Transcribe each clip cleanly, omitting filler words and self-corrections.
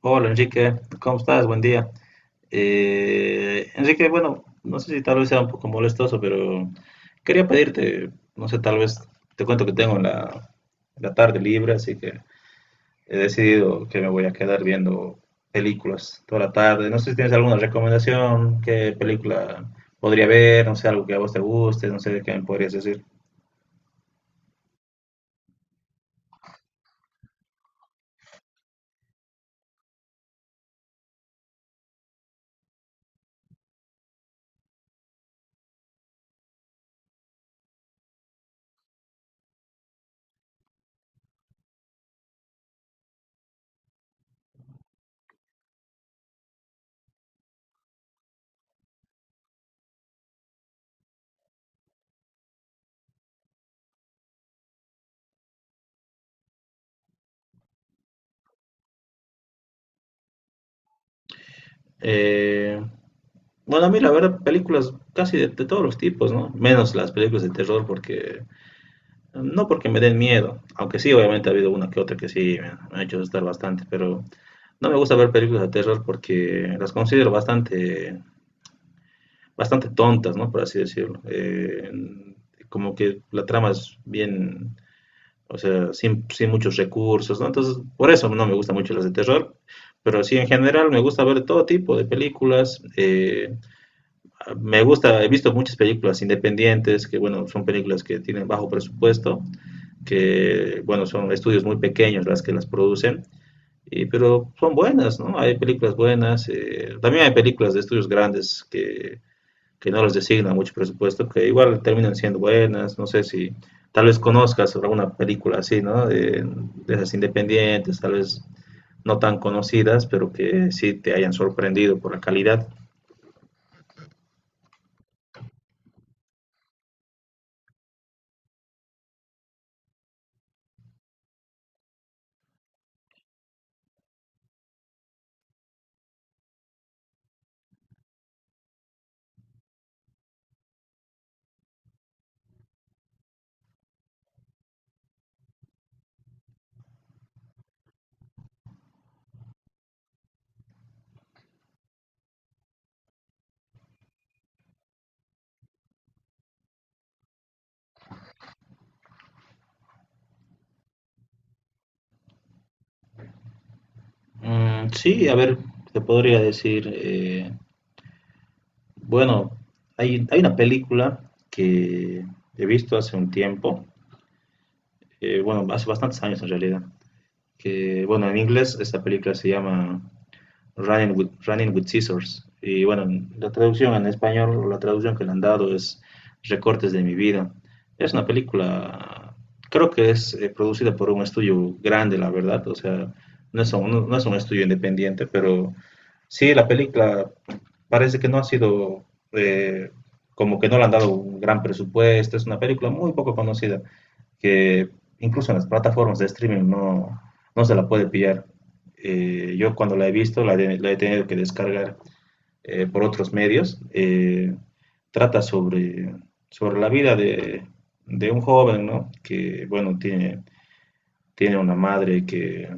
Hola Enrique, ¿cómo estás? Buen día. Enrique, bueno, no sé si tal vez sea un poco molestoso, pero quería pedirte, no sé, tal vez te cuento que tengo la tarde libre, así que he decidido que me voy a quedar viendo películas toda la tarde. No sé si tienes alguna recomendación, qué película podría ver, no sé, algo que a vos te guste, no sé qué me podrías decir. Eh, bueno, a mí la verdad, películas casi de todos los tipos, ¿no? Menos las películas de terror porque... No porque me den miedo, aunque sí, obviamente ha habido una que otra que sí me ha hecho asustar bastante, pero no me gusta ver películas de terror porque las considero bastante, bastante tontas, ¿no? Por así decirlo. Como que la trama es bien, o sea, sin muchos recursos, ¿no? Entonces, por eso no me gustan mucho las de terror, pero sí, en general me gusta ver todo tipo de películas. Me gusta, he visto muchas películas independientes, que bueno, son películas que tienen bajo presupuesto, que, bueno, son estudios muy pequeños las que las producen, y, pero son buenas, ¿no? Hay películas buenas, también hay películas de estudios grandes que no les designan mucho presupuesto, que igual terminan siendo buenas, no sé si tal vez conozcas alguna película así, ¿no? De esas independientes, tal vez no tan conocidas, pero que sí te hayan sorprendido por la calidad. Mm, sí, a ver, te podría decir, bueno, hay una película que he visto hace un tiempo, bueno, hace bastantes años en realidad, que, bueno, en inglés esta película se llama running with Scissors. Y bueno, la traducción que le han dado es Recortes de mi vida. Es una película, creo que es producida por un estudio grande, la verdad. O sea, no es, un, no es un estudio independiente, pero sí, la película parece que no ha sido, eh, como que no le han dado un gran presupuesto. Es una película muy poco conocida, que incluso en las plataformas de streaming no, no se la puede pillar. Yo cuando la he visto, la, la he tenido que descargar por otros medios. Trata sobre, sobre la vida de un joven, ¿no? Que, bueno, tiene, tiene una madre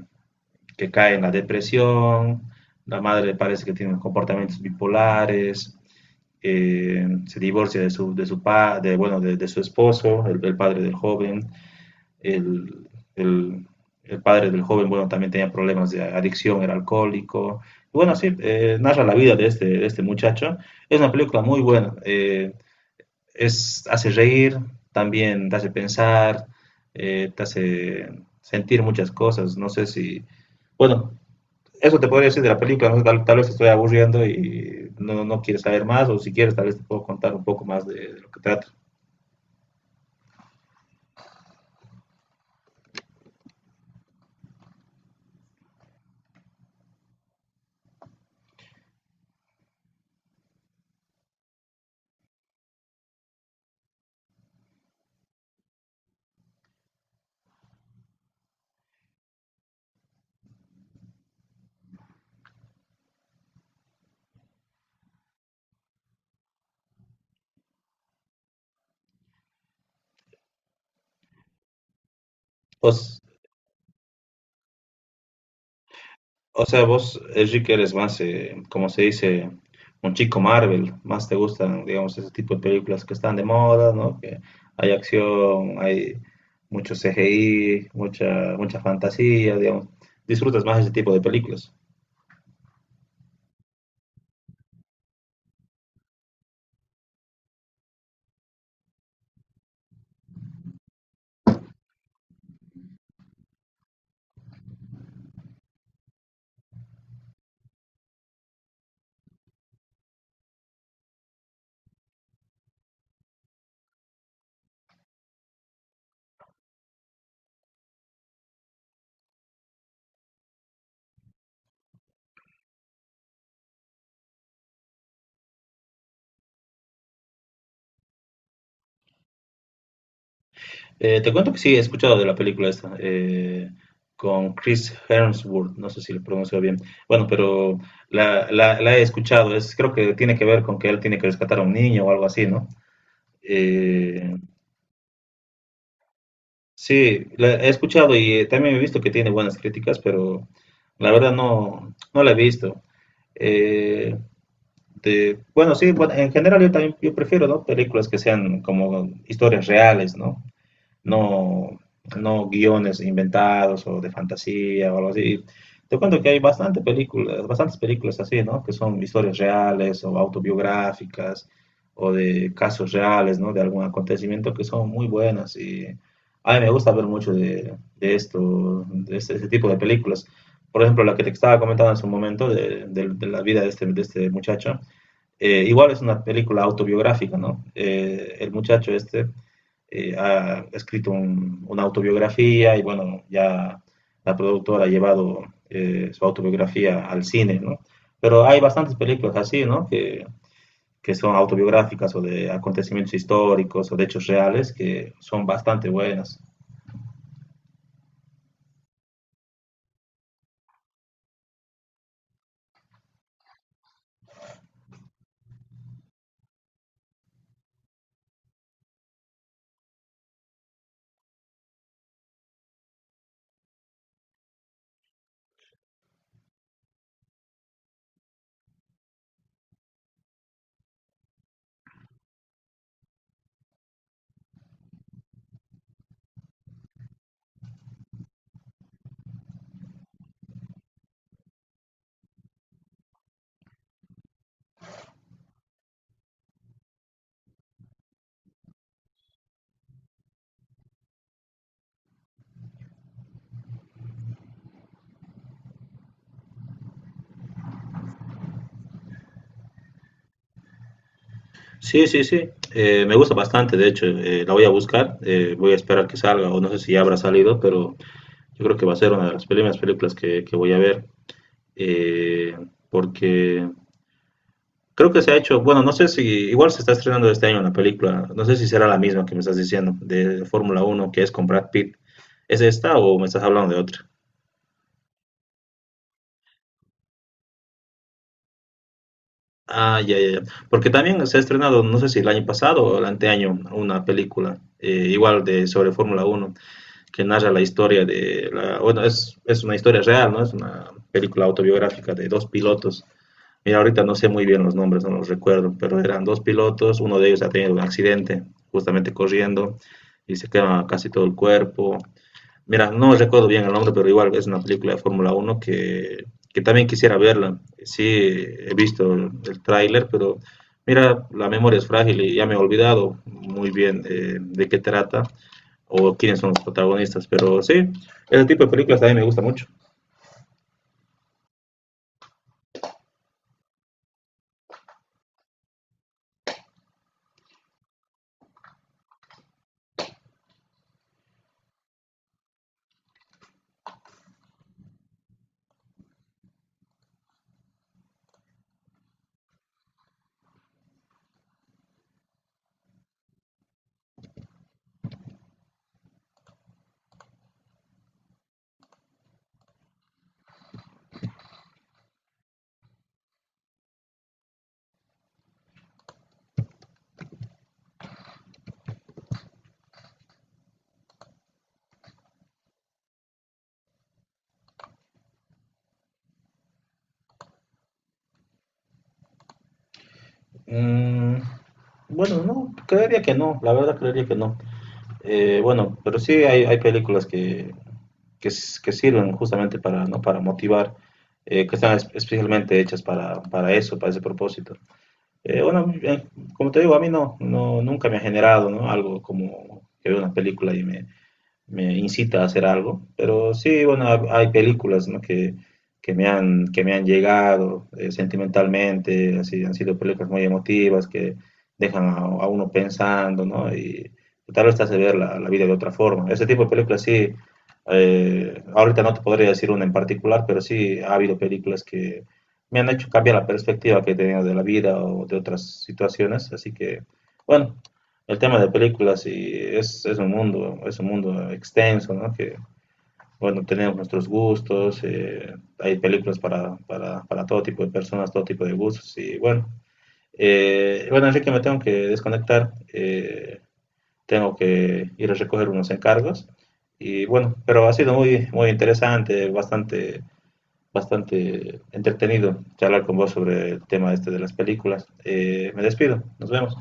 que cae en la depresión, la madre parece que tiene comportamientos bipolares, se divorcia de su, de, bueno, de su esposo, el padre del joven, el, el, el padre del joven, bueno, también tenía problemas de adicción, era alcohólico. Bueno, sí, narra la vida de este muchacho. Es una película muy buena. Es, hace reír, también te hace pensar, te hace sentir muchas cosas. No sé si, bueno, eso te podría decir de la película, no sé, tal vez te estoy aburriendo y no, no quieres saber más, o si quieres, tal vez te puedo contar un poco más de lo que trata. Pues, o sea, vos, Enrique, eres más, como se dice, un chico Marvel. Más te gustan, digamos, ese tipo de películas que están de moda, ¿no? Que hay acción, hay mucho CGI, mucha, mucha fantasía, digamos. Disfrutas más ese tipo de películas. Te cuento que sí, he escuchado de la película esta, con Chris Hemsworth, no sé si lo pronuncio bien. Bueno, pero la he escuchado, es, creo que tiene que ver con que él tiene que rescatar a un niño o algo así, ¿no? Eh, sí, la he escuchado y también he visto que tiene buenas críticas, pero la verdad no, no la he visto. Eh, de, bueno, sí, bueno, en general yo también yo prefiero, ¿no? Películas que sean como historias reales, ¿no? No, no guiones inventados o de fantasía o algo así. Te cuento que hay bastante películas, bastantes películas así, ¿no? Que son historias reales o autobiográficas o de casos reales, ¿no? De algún acontecimiento que son muy buenas y a mí me gusta ver mucho de esto, este tipo de películas. Por ejemplo, la que te estaba comentando en su momento de la vida de este muchacho, igual es una película autobiográfica, ¿no? El muchacho este ha escrito una autobiografía y bueno, ya la productora ha llevado su autobiografía al cine, ¿no? Pero hay bastantes películas así, ¿no? Que son autobiográficas o de acontecimientos históricos o de hechos reales que son bastante buenas. Sí, sí, sí. Me gusta bastante, de hecho. La voy a buscar. Voy a esperar que salga o no sé si ya habrá salido, pero yo creo que va a ser una de las primeras películas que voy a ver. eh, porque creo que se ha hecho, bueno, no sé si, igual se está estrenando este año la película, no sé si será la misma que me estás diciendo, de Fórmula Uno que es con Brad Pitt. ¿Es esta o me estás hablando de otra? Ah, ya, ya, ya. Porque también se ha estrenado, no sé si el año pasado o el anteaño, una película igual de sobre Fórmula Uno que narra la historia de, la, bueno, es una historia real, ¿no? Es una película autobiográfica de dos pilotos. Mira, ahorita no sé muy bien los nombres, no los recuerdo, pero eran dos pilotos, uno de ellos ha tenido un accidente justamente corriendo y se quema casi todo el cuerpo. Mira, no recuerdo bien el nombre, pero igual es una película de Fórmula Uno que también quisiera verla. Sí, he visto el tráiler, pero mira, la memoria es frágil y ya me he olvidado muy bien de qué trata o quiénes son los protagonistas, pero sí, ese tipo de películas también me gusta mucho. Mm, bueno, no, creería que no, la verdad creería que no. Bueno, pero sí hay películas que, que sirven justamente para, ¿no? Para motivar, que están especialmente hechas para eso, para ese propósito. Eh, bueno, eh, como te digo, a mí no, no, nunca me ha generado, ¿no? Algo como que veo una película y me incita a hacer algo. Pero sí, bueno, hay películas, ¿no? Que, que me han llegado sentimentalmente, así, han sido películas muy emotivas que dejan a uno pensando, ¿no? Y tal vez te hace ver la vida de otra forma. Ese tipo de películas sí, ahorita no te podría decir una en particular, pero sí ha habido películas que me han hecho cambiar la perspectiva que tenía de la vida o de otras situaciones, así que, bueno. El tema de películas y es un mundo extenso, ¿no? Que, bueno, tenemos nuestros gustos, hay películas para, para todo tipo de personas, todo tipo de gustos y bueno. Bueno, Enrique, me tengo que desconectar, tengo que ir a recoger unos encargos y bueno, pero ha sido muy, muy interesante, bastante, bastante entretenido charlar con vos sobre el tema este de las películas. Me despido, nos vemos.